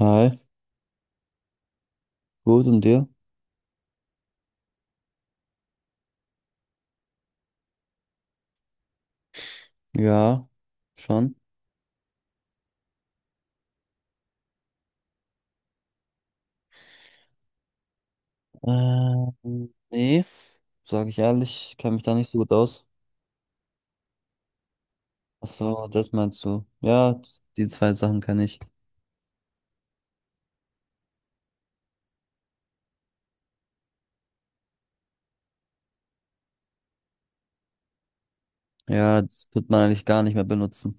Hi, gut und dir? Ja, schon. Nee, sage ich ehrlich, kenne mich da nicht so gut aus. Ach so, das meinst du? Ja, die zwei Sachen kann ich. Ja, das wird man eigentlich gar nicht mehr benutzen.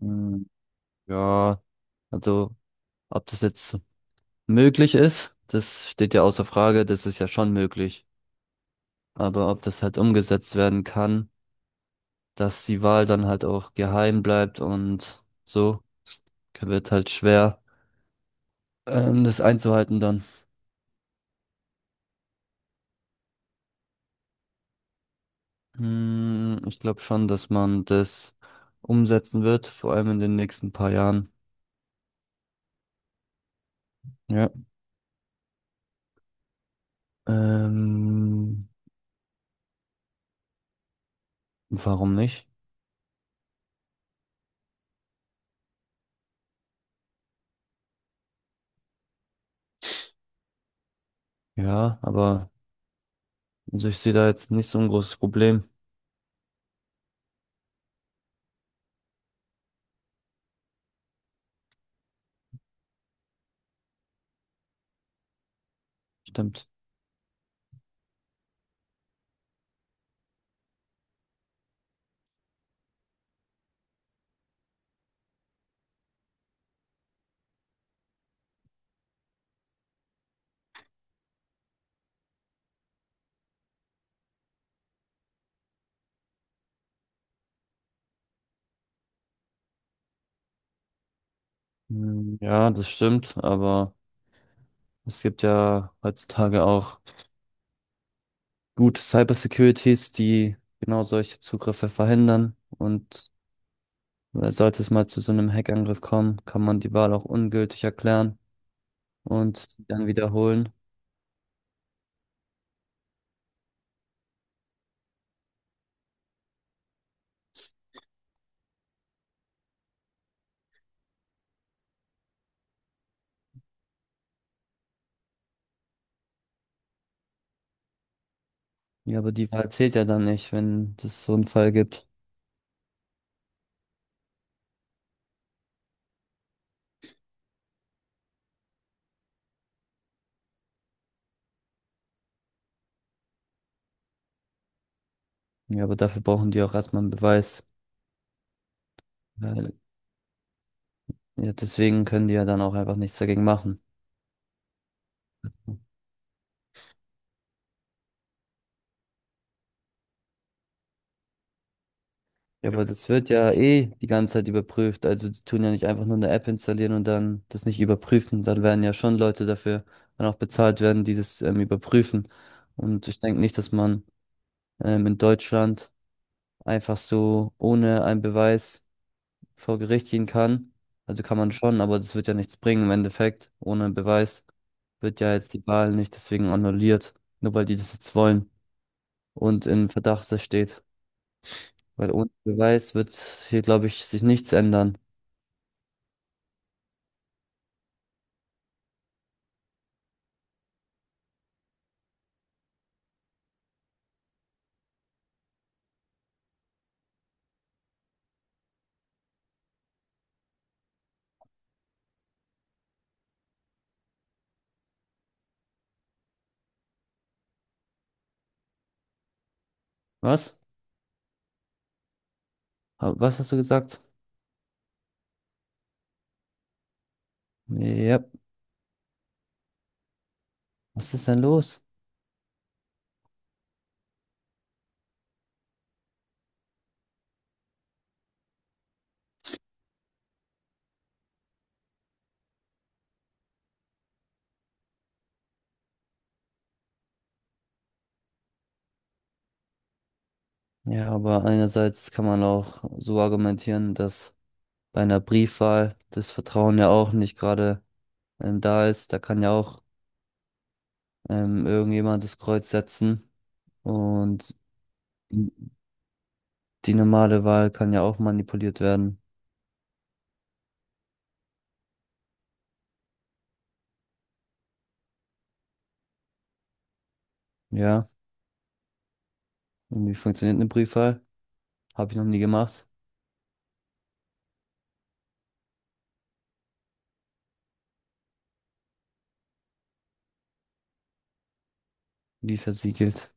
Hm, ja, also ob das jetzt möglich ist, das steht ja außer Frage, das ist ja schon möglich. Aber ob das halt umgesetzt werden kann, dass die Wahl dann halt auch geheim bleibt und so, wird halt schwer. Das einzuhalten dann. Hm, ich glaube schon, dass man das umsetzen wird, vor allem in den nächsten paar Jahren. Ja. Ähm, Warum nicht? Ja, aber also ich sehe da jetzt nicht so ein großes Problem. Stimmt. Hm, ja, das stimmt, aber es gibt ja heutzutage auch gute Cybersecurities, die genau solche Zugriffe verhindern und sollte es mal zu so einem Hackangriff kommen, kann man die Wahl auch ungültig erklären und die dann wiederholen. Ja, aber die Wahl zählt ja dann nicht, wenn es so einen Fall gibt. Ja, aber dafür brauchen die auch erstmal einen Beweis. Weil, ja, deswegen können die ja dann auch einfach nichts dagegen machen. Ja, aber das wird ja eh die ganze Zeit überprüft. Also die tun ja nicht einfach nur eine App installieren und dann das nicht überprüfen. Dann werden ja schon Leute dafür dann auch bezahlt werden, die das überprüfen. Und ich denke nicht, dass man in Deutschland einfach so ohne einen Beweis vor Gericht gehen kann. Also kann man schon, aber das wird ja nichts bringen im Endeffekt. Ohne Beweis wird ja jetzt die Wahl nicht deswegen annulliert, nur weil die das jetzt wollen und in Verdacht das steht. Weil ohne Beweis wird hier, glaube ich, sich nichts ändern. Was? Was hast du gesagt? Ja, was ist denn los? Ja, aber einerseits kann man auch so argumentieren, dass bei einer Briefwahl das Vertrauen ja auch nicht gerade da ist. Da kann ja auch irgendjemand das Kreuz setzen. Und Die normale Wahl kann ja auch manipuliert werden. Ja. Und wie funktioniert eine Briefwahl? Habe ich noch nie gemacht. Wie versiegelt?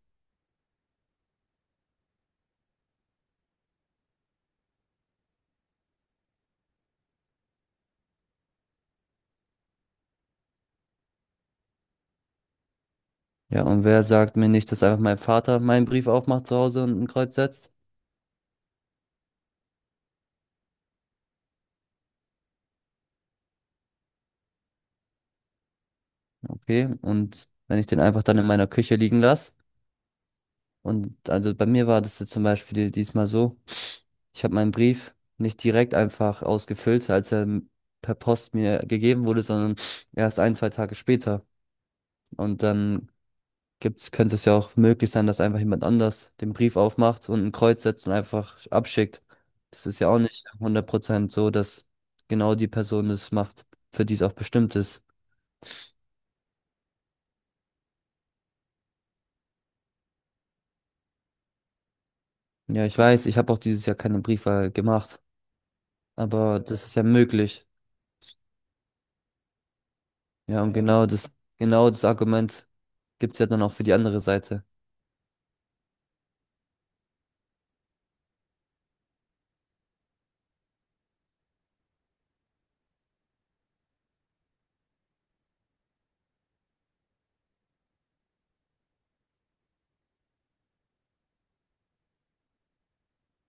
Ja, und wer sagt mir nicht, dass einfach mein Vater meinen Brief aufmacht zu Hause und ein Kreuz setzt? Okay. Und wenn ich den einfach dann in meiner Küche liegen lasse? Und also bei mir war das jetzt zum Beispiel diesmal so. Ich habe meinen Brief nicht direkt einfach ausgefüllt, als er per Post mir gegeben wurde, sondern erst ein, zwei Tage später. Und dann gibt's, könnte es ja auch möglich sein, dass einfach jemand anders den Brief aufmacht und ein Kreuz setzt und einfach abschickt. Das ist ja auch nicht 100% so, dass genau die Person es macht, für die es auch bestimmt ist. Ja, ich weiß, ich habe auch dieses Jahr keine Briefwahl gemacht, aber das ist ja möglich. Ja, und genau das Argument gibt's ja dann auch für die andere Seite.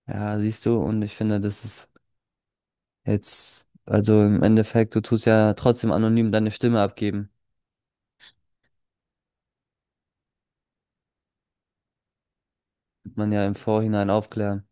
Ja, siehst du, und ich finde, das ist jetzt, also im Endeffekt, du tust ja trotzdem anonym deine Stimme abgeben. Man ja im Vorhinein aufklären.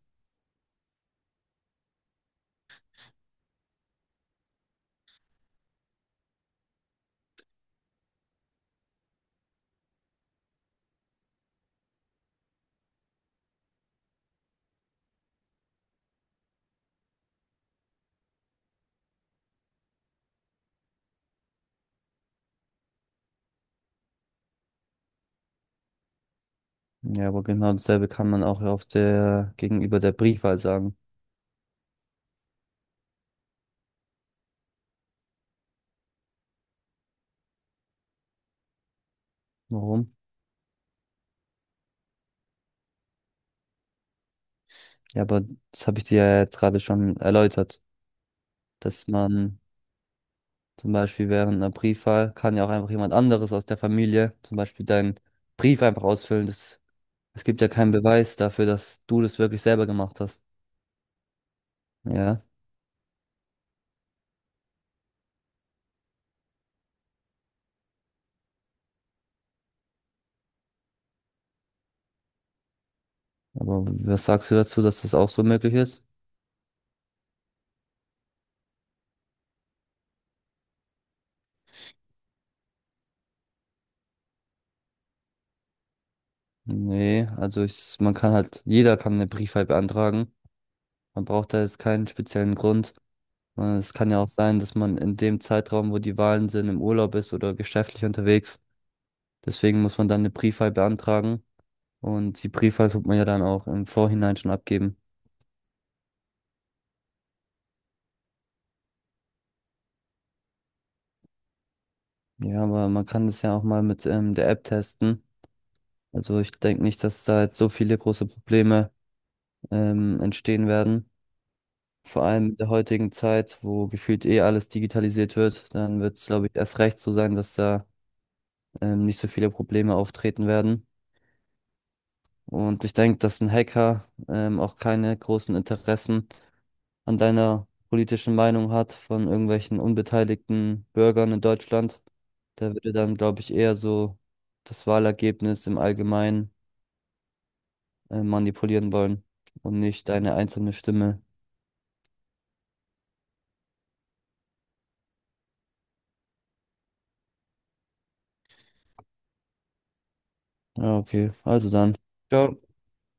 Ja, aber genau dasselbe kann man auch auf der, gegenüber der Briefwahl sagen. Warum? Ja, aber das habe ich dir ja jetzt gerade schon erläutert, dass man zum Beispiel während einer Briefwahl kann ja auch einfach jemand anderes aus der Familie zum Beispiel deinen Brief einfach ausfüllen. Das, es gibt ja keinen Beweis dafür, dass du das wirklich selber gemacht hast. Ja, aber was sagst du dazu, dass das auch so möglich ist? Nee, also ich, man kann halt, jeder kann eine Briefwahl beantragen. Man braucht da jetzt keinen speziellen Grund. Weil es kann ja auch sein, dass man in dem Zeitraum, wo die Wahlen sind, im Urlaub ist oder geschäftlich unterwegs. Deswegen muss man dann eine Briefwahl beantragen. Und die Briefwahl tut man ja dann auch im Vorhinein schon abgeben. Ja, aber man kann das ja auch mal mit der App testen. Also ich denke nicht, dass da jetzt so viele große Probleme entstehen werden. Vor allem in der heutigen Zeit, wo gefühlt eh alles digitalisiert wird, dann wird es, glaube ich, erst recht so sein, dass da nicht so viele Probleme auftreten werden. Und ich denke, dass ein Hacker auch keine großen Interessen an deiner politischen Meinung hat von irgendwelchen unbeteiligten Bürgern in Deutschland. Der würde dann, glaube ich, eher so das Wahlergebnis im Allgemeinen manipulieren wollen und nicht deine einzelne Stimme. Ja, okay. Also dann. Ciao.